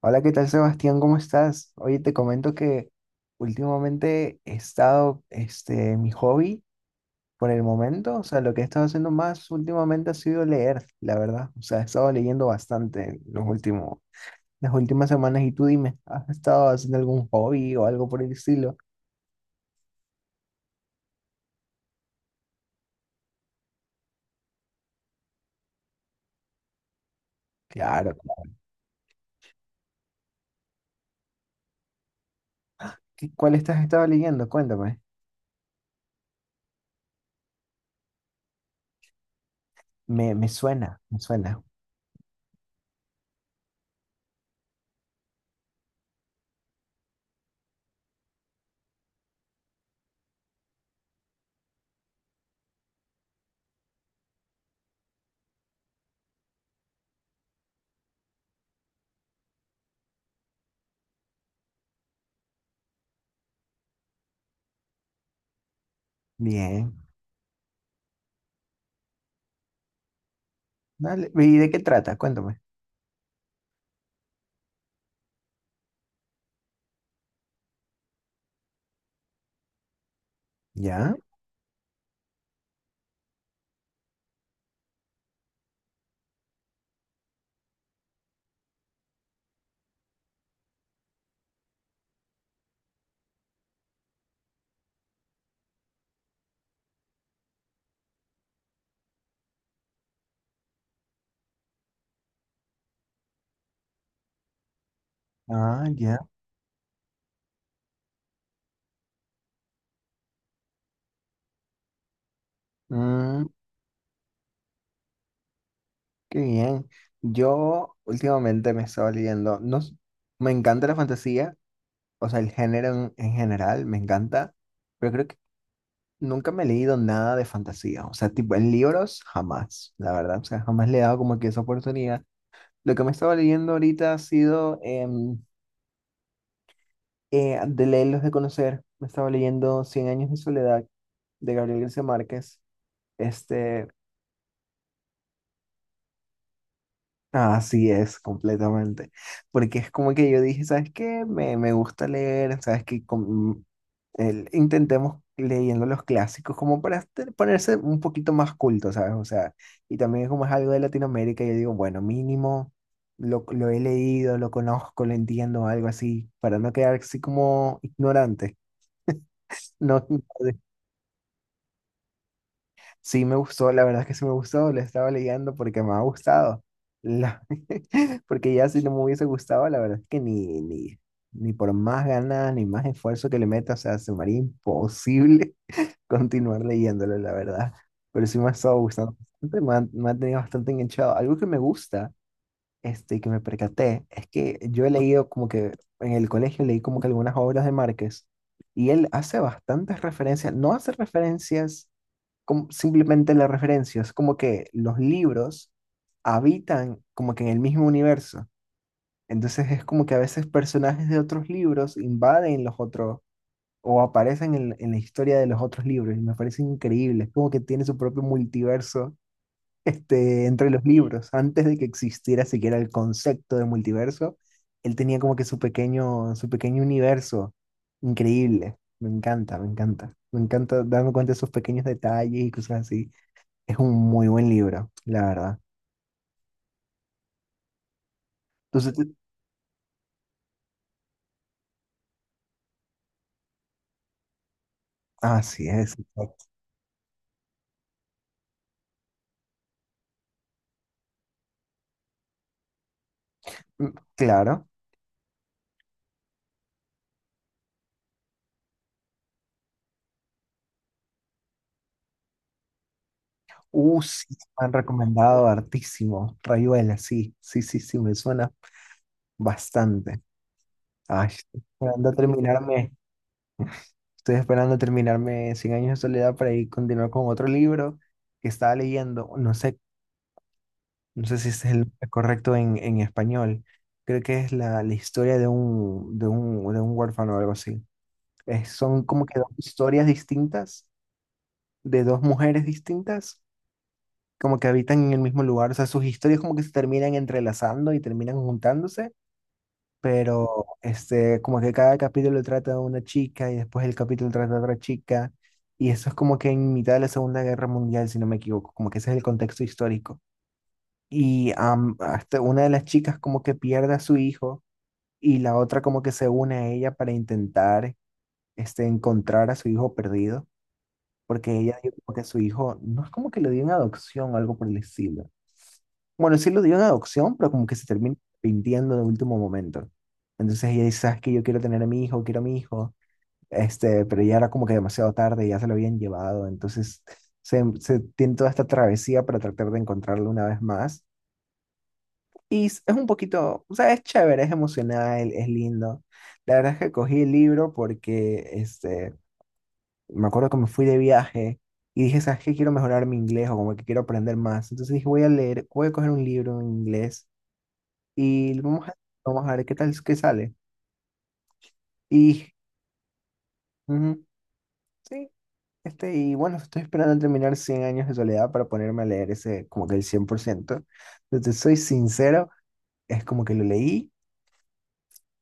Hola, ¿qué tal, Sebastián? ¿Cómo estás? Oye, te comento que últimamente he estado, mi hobby por el momento, o sea, lo que he estado haciendo más últimamente ha sido leer, la verdad. O sea, he estado leyendo bastante en los últimos, las últimas semanas y tú dime, ¿has estado haciendo algún hobby o algo por el estilo? Claro, claro. ¿Cuál estás estado leyendo? Cuéntame. Me suena, me suena. Bien. Dale. ¿Y de qué trata? Cuéntame. ¿Ya? Ah, ya. Mm. Qué bien. Yo últimamente me estaba leyendo, no, s- me encanta la fantasía, o sea, el género en general me encanta, pero creo que nunca me he leído nada de fantasía, o sea, tipo en libros jamás, la verdad, o sea, jamás le he dado como que esa oportunidad. Lo que me estaba leyendo ahorita ha sido de leerlos de conocer, me estaba leyendo Cien años de soledad de Gabriel García Márquez, este, así es, completamente. Porque es como que yo dije, ¿sabes qué? Me gusta leer, ¿sabes qué? Intentemos leyendo los clásicos como para ponerse un poquito más culto, ¿sabes? O sea, y también como es algo de Latinoamérica, yo digo, bueno, mínimo lo he leído, lo conozco, lo entiendo, algo así, para no quedar así como ignorante, no, no. Sí me gustó, la verdad es que sí me gustó, le estaba leyendo porque me ha gustado. La- Porque ya si no me hubiese gustado, la verdad es que ni por más ganas, ni más esfuerzo que le meta, o sea, se me haría imposible continuar leyéndolo, la verdad. Pero sí me ha estado gustando bastante, me ha tenido bastante enganchado. Algo que me gusta, y que me percaté, es que yo he leído como que en el colegio leí como que algunas obras de Márquez y él hace bastantes referencias, no hace referencias como simplemente la referencia, es como que los libros habitan como que en el mismo universo. Entonces es como que a veces personajes de otros libros invaden los otros o aparecen en la historia de los otros libros y me parece increíble. Es como que tiene su propio multiverso, entre los libros. Antes de que existiera siquiera el concepto de multiverso, él tenía como que su pequeño universo. Increíble. Me encanta, me encanta. Me encanta darme cuenta de esos pequeños detalles y cosas así. Es un muy buen libro, la verdad. Entonces, así es, exacto. Mm. Claro. Sí, me han recomendado hartísimo. Rayuela, sí, sí, sí, sí, me suena bastante. Ay, estoy esperando terminarme Cien años de soledad para ir continuar con otro libro que estaba leyendo. No sé, no sé si ese es el nombre correcto en español. Creo que es la, la historia de un, de un, de un huérfano o algo así. Son como que dos historias distintas de dos mujeres distintas, como que habitan en el mismo lugar, o sea, sus historias como que se terminan entrelazando y terminan juntándose, pero como que cada capítulo trata de una chica y después el capítulo trata de otra chica, y eso es como que en mitad de la Segunda Guerra Mundial, si no me equivoco, como que ese es el contexto histórico. Y hasta una de las chicas como que pierde a su hijo y la otra como que se une a ella para intentar, encontrar a su hijo perdido porque ella dijo como que su hijo no es como que lo dio en adopción o algo por el estilo. Bueno, sí lo dio en adopción, pero como que se termina arrepintiendo de último momento. Entonces ella dice, ¿sabes qué? Yo quiero tener a mi hijo, quiero a mi hijo. Pero ya era como que demasiado tarde, ya se lo habían llevado. Entonces se tiene toda esta travesía para tratar de encontrarlo una vez más. Y es un poquito, o sea, es chévere, es emocional, es lindo. La verdad es que cogí el libro porque me acuerdo que me fui de viaje y dije, ¿sabes qué? Quiero mejorar mi inglés o como que quiero aprender más. Entonces dije, voy a leer, voy a coger un libro en inglés y vamos a, vamos a ver qué tal, qué sale. Y ujú, sí, y bueno, estoy esperando terminar Cien años de soledad para ponerme a leer ese, como que el 100%. Entonces, soy sincero, es como que lo leí,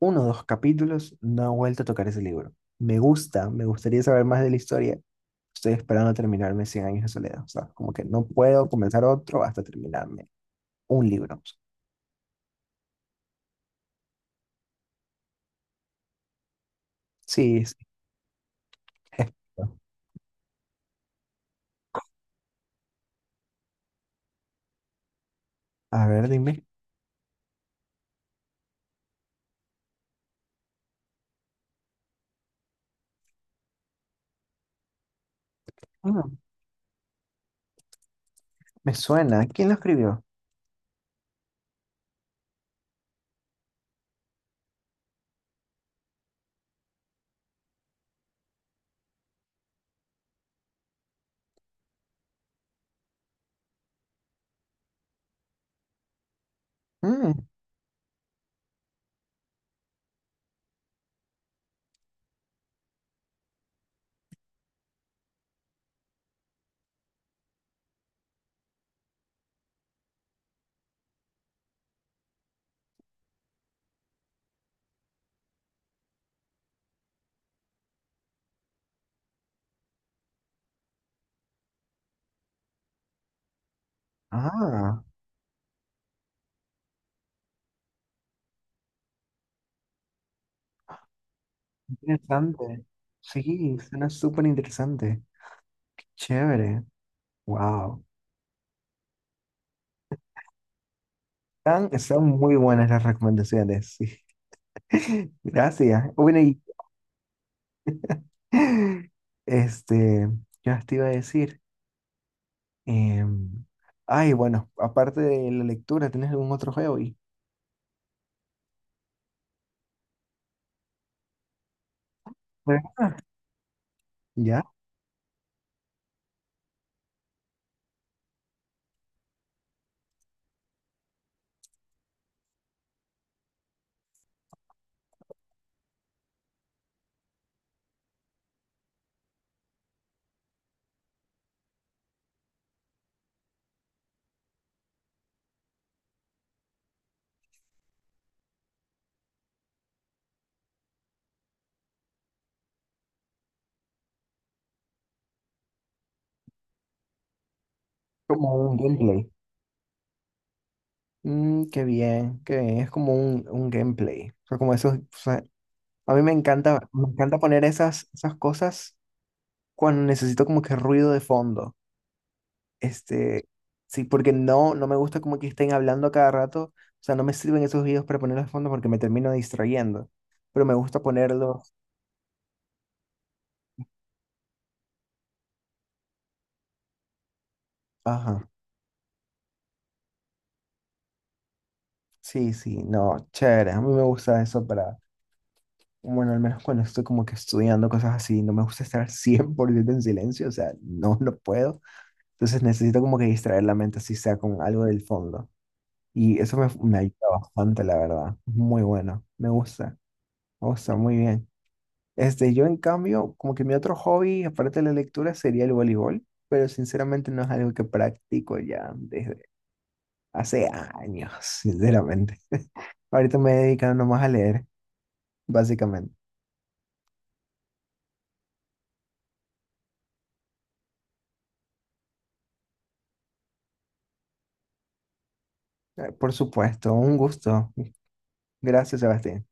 uno o dos capítulos, no he vuelto a tocar ese libro. Me gusta, me gustaría saber más de la historia. Estoy esperando terminarme Cien años de soledad. O sea, como que no puedo comenzar otro hasta terminarme un libro. Sí, sí. A ver, dime. Mm, me suena. ¿Quién lo escribió? Mm, ah, interesante. Sí, suena súper interesante. Chévere. Wow. Están, son muy buenas las recomendaciones. Sí. Gracias. Bueno, y este, ¿qué más te iba a decir? Em, ay, bueno, aparte de la lectura, ¿tienes algún otro juego? Fue. ¿Ya? Como un gameplay. Mm, qué bien, qué bien. Es como un gameplay. O sea, como esos, o sea, a mí me encanta poner esas, esas cosas cuando necesito como que ruido de fondo. Este, sí, porque no, no me gusta como que estén hablando a cada rato. O sea, no me sirven esos videos para ponerlos de fondo porque me termino distrayendo. Pero me gusta ponerlos. Ajá. Sí, sí, no, chévere. A mí me gusta eso para. Bueno, al menos cuando estoy como que estudiando cosas así, no me gusta estar 100% en silencio, o sea, no, no puedo. Entonces necesito como que distraer la mente, así sea con algo del fondo. Y eso me ayuda bastante, la verdad. Muy bueno, me gusta muy bien. Yo en cambio, como que mi otro hobby, aparte de la lectura, sería el voleibol, pero sinceramente no es algo que practico ya desde hace años, sinceramente. Ahorita me he dedicado nomás a leer, básicamente. Por supuesto, un gusto. Gracias, Sebastián.